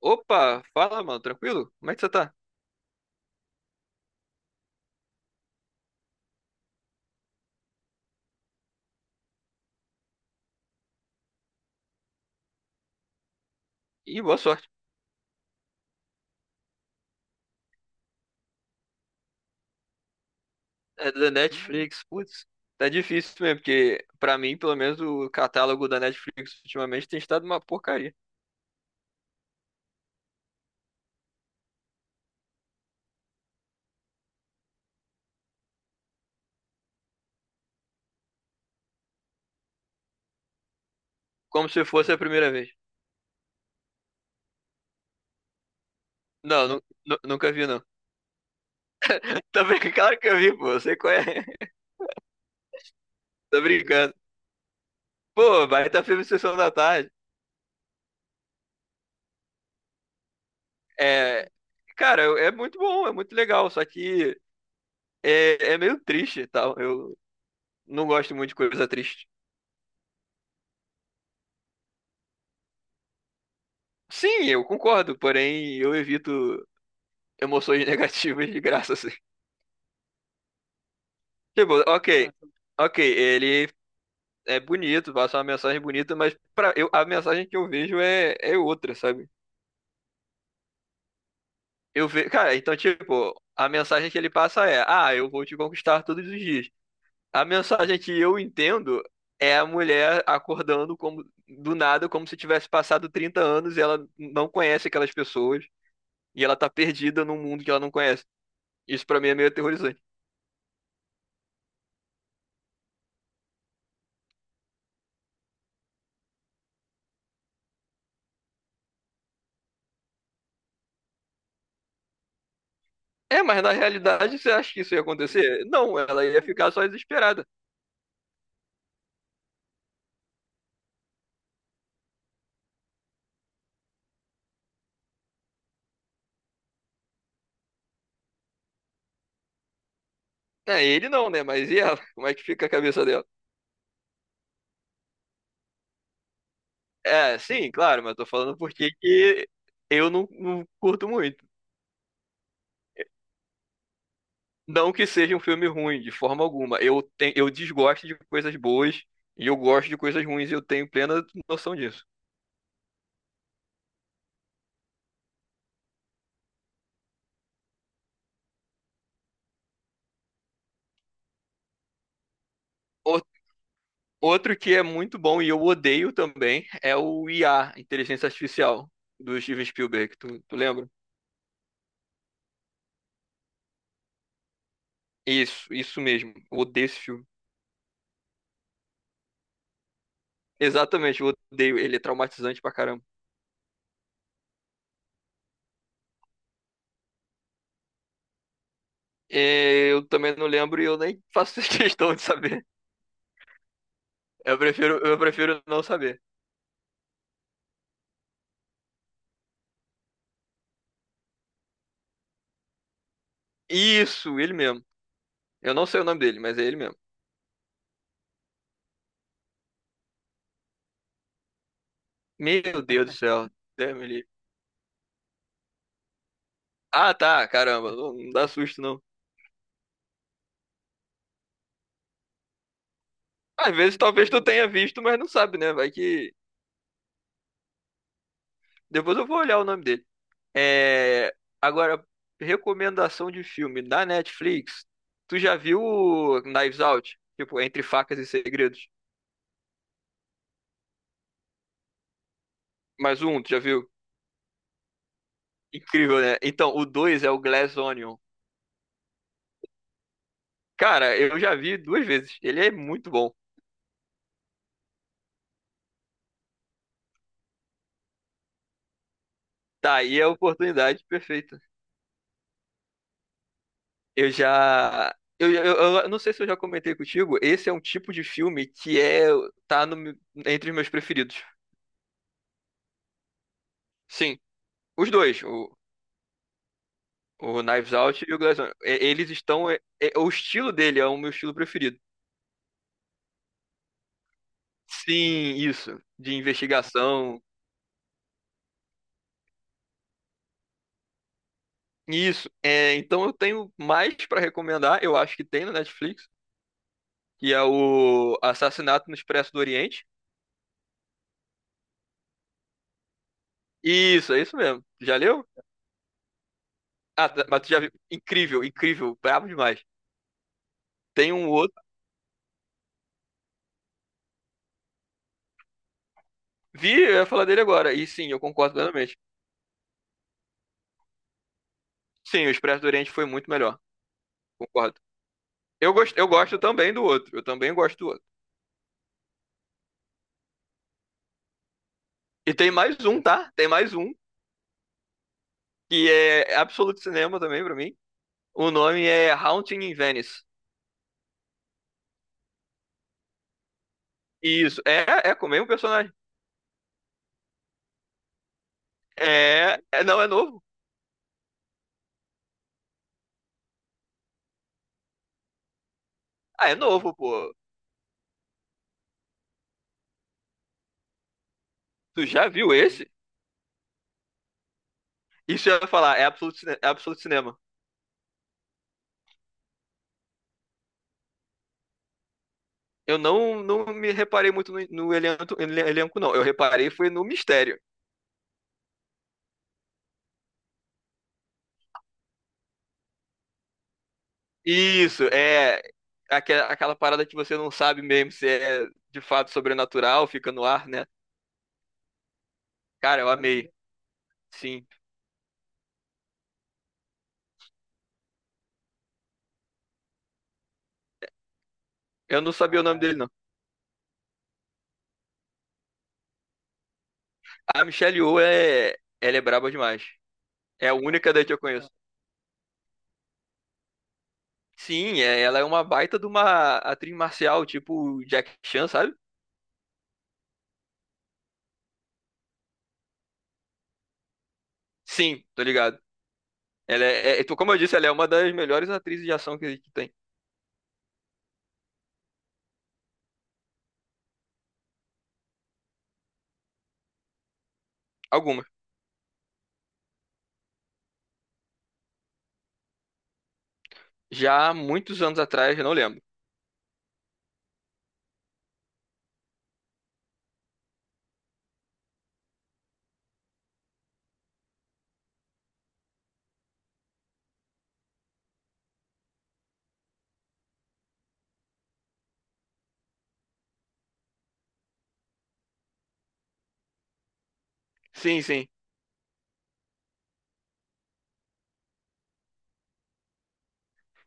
Opa, fala, mano, tranquilo? Como é que você tá? Ih, boa sorte. É da Netflix, putz. Tá difícil mesmo, porque pra mim, pelo menos, o catálogo da Netflix ultimamente tem estado uma porcaria. Como se fosse a primeira vez. Não, nunca vi, não. Tá brincando? Claro que eu vi, pô, você conhece. Tô brincando. Pô, baita filme Sessão da Tarde. É. Cara, é muito bom, é muito legal, só que é meio triste e tal. Eu não gosto muito de coisa triste. Sim, eu concordo, porém eu evito emoções negativas de graça, assim. Tipo, ok, ok, ele é bonito, passa uma mensagem bonita, mas pra, eu, a mensagem que eu vejo é outra, sabe? Eu vejo, cara, então, tipo, a mensagem que ele passa é, ah, eu vou te conquistar todos os dias. A mensagem que eu entendo é a mulher acordando como, do nada, como se tivesse passado 30 anos e ela não conhece aquelas pessoas e ela tá perdida num mundo que ela não conhece. Isso pra mim é meio aterrorizante. É, mas na realidade você acha que isso ia acontecer? Não, ela ia ficar só desesperada. É, ele não, né? Mas e ela? Como é que fica a cabeça dela? É, sim, claro, mas tô falando porque que eu não curto muito. Não que seja um filme ruim, de forma alguma. Eu desgosto de coisas boas e eu gosto de coisas ruins e eu tenho plena noção disso. O- Outro que é muito bom e eu odeio também é o IA, Inteligência Artificial, do Steven Spielberg. Tu lembra? Isso mesmo. Eu odeio esse filme. Exatamente, eu odeio. Ele é traumatizante pra caramba. É, eu também não lembro e eu nem faço questão de saber. Eu prefiro não saber. Isso, ele mesmo. Eu não sei o nome dele, mas é ele mesmo. Meu Deus do céu. Deus me livre. Ah, tá, caramba. Não, não dá susto, não. Às vezes talvez tu tenha visto, mas não sabe, né? Vai que. Depois eu vou olhar o nome dele. É, agora, recomendação de filme da Netflix. Tu já viu o Knives Out? Tipo, Entre Facas e Segredos. Mais um, tu já viu? Incrível, né? Então, o 2 é o Glass Onion. Cara, eu já vi duas vezes. Ele é muito bom. Tá, aí é a oportunidade perfeita. Eu já. Eu não sei se eu já comentei contigo. Esse é um tipo de filme que é. Tá no, meu- Entre os meus preferidos. Sim, os dois. O Knives Out e o Glass Onion. Eles estão. O estilo dele é o meu estilo preferido. Sim, isso. De investigação. Isso. É, então eu tenho mais pra recomendar. Eu acho que tem no Netflix, que é o Assassinato no Expresso do Oriente. Isso, é isso mesmo. Já leu? Ah, tá, mas tu já viu. Incrível, incrível, brabo demais. Tem um outro. Vi, eu ia falar dele agora. E sim, eu concordo plenamente. Sim, o Expresso do Oriente foi muito melhor. Concordo. Eu gosto também do outro. Eu também gosto do outro. E tem mais um, tá? Tem mais um, que é absoluto cinema também pra mim. O nome é Haunting in Venice. Isso, é com o mesmo personagem. É, é, não, é novo. Ah, é novo, pô. Tu já viu esse? Isso eu ia falar, é absoluto, é absoluto cinema. Eu não me reparei muito no elenco, elenco, não. Eu reparei foi no mistério. Isso, é aquela parada que você não sabe mesmo se é de fato sobrenatural, fica no ar, né? Cara, eu amei. Sim. Eu não sabia o nome dele, não. A Michelle Yeoh é, ela é braba demais. É a única daí que eu conheço. Sim, é, ela é uma baita de uma atriz marcial, tipo Jack Chan, sabe? Sim, tô ligado. Ela é, é, tu- Como eu disse, ela é uma das melhores atrizes de ação que tem. Algumas. Já há muitos anos atrás, eu não lembro. Sim, sim.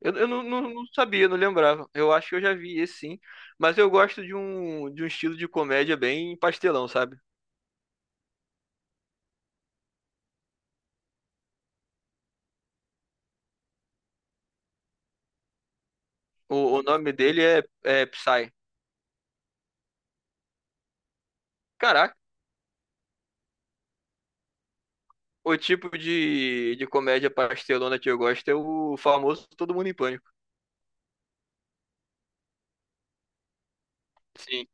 Eu não sabia, não lembrava. Eu acho que eu já vi esse sim. Mas eu gosto de um, estilo de comédia bem pastelão, sabe? O nome dele é Psy. Caraca, o tipo de comédia pastelona que eu gosto é o famoso Todo Mundo em Pânico. Sim.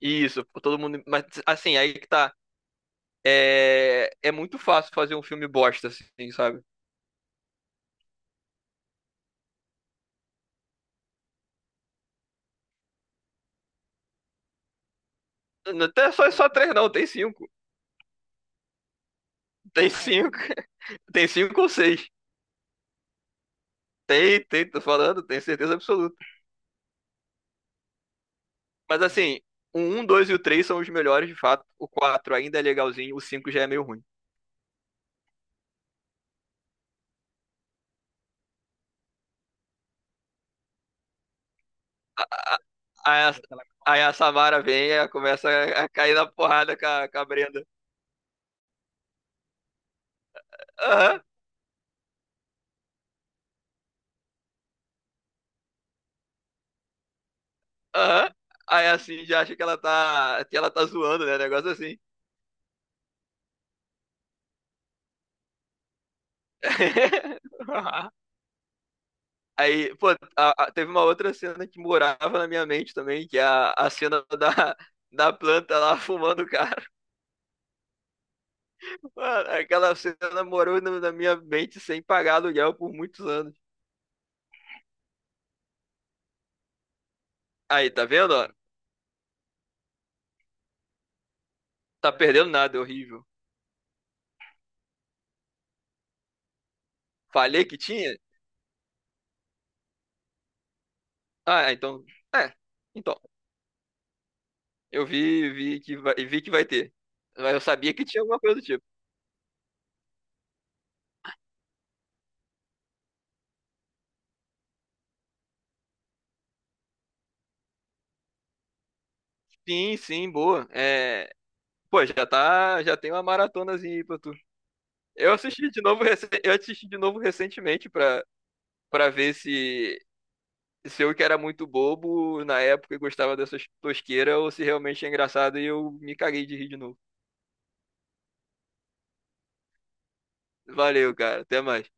Isso, todo mundo. Mas assim, aí que tá. É muito fácil fazer um filme bosta, assim, sabe? Não tem só três, não, tem cinco. Tem cinco. Tem cinco ou seis. Tô falando, tenho certeza absoluta. Mas assim, o 1, 2 e o 3 são os melhores, de fato. O 4 ainda é legalzinho, o cinco já é meio ruim. Aí a, aí a Samara vem e começa a cair na porrada com a Brenda. Aham, aham. Aí assim, já acha que ela tá zoando, né? Negócio assim. Aí, pô, teve uma outra cena que morava na minha mente também, que é a cena da planta lá fumando o. Mano, aquela cena morou na minha mente sem pagar aluguel por muitos anos. Aí, tá vendo, ó? Tá perdendo nada, é horrível. Falei que tinha? Ah, é, então. É. Então, eu vi que vai ter. Mas eu sabia que tinha alguma coisa do tipo. Sim, sim, boa. É, pô, já tem uma maratonazinha aí pra tu. Eu assisti de novo recentemente pra ver se eu que era muito bobo na época e gostava dessas tosqueiras ou se realmente é engraçado e eu me caguei de rir de novo. Valeu, cara. Até mais.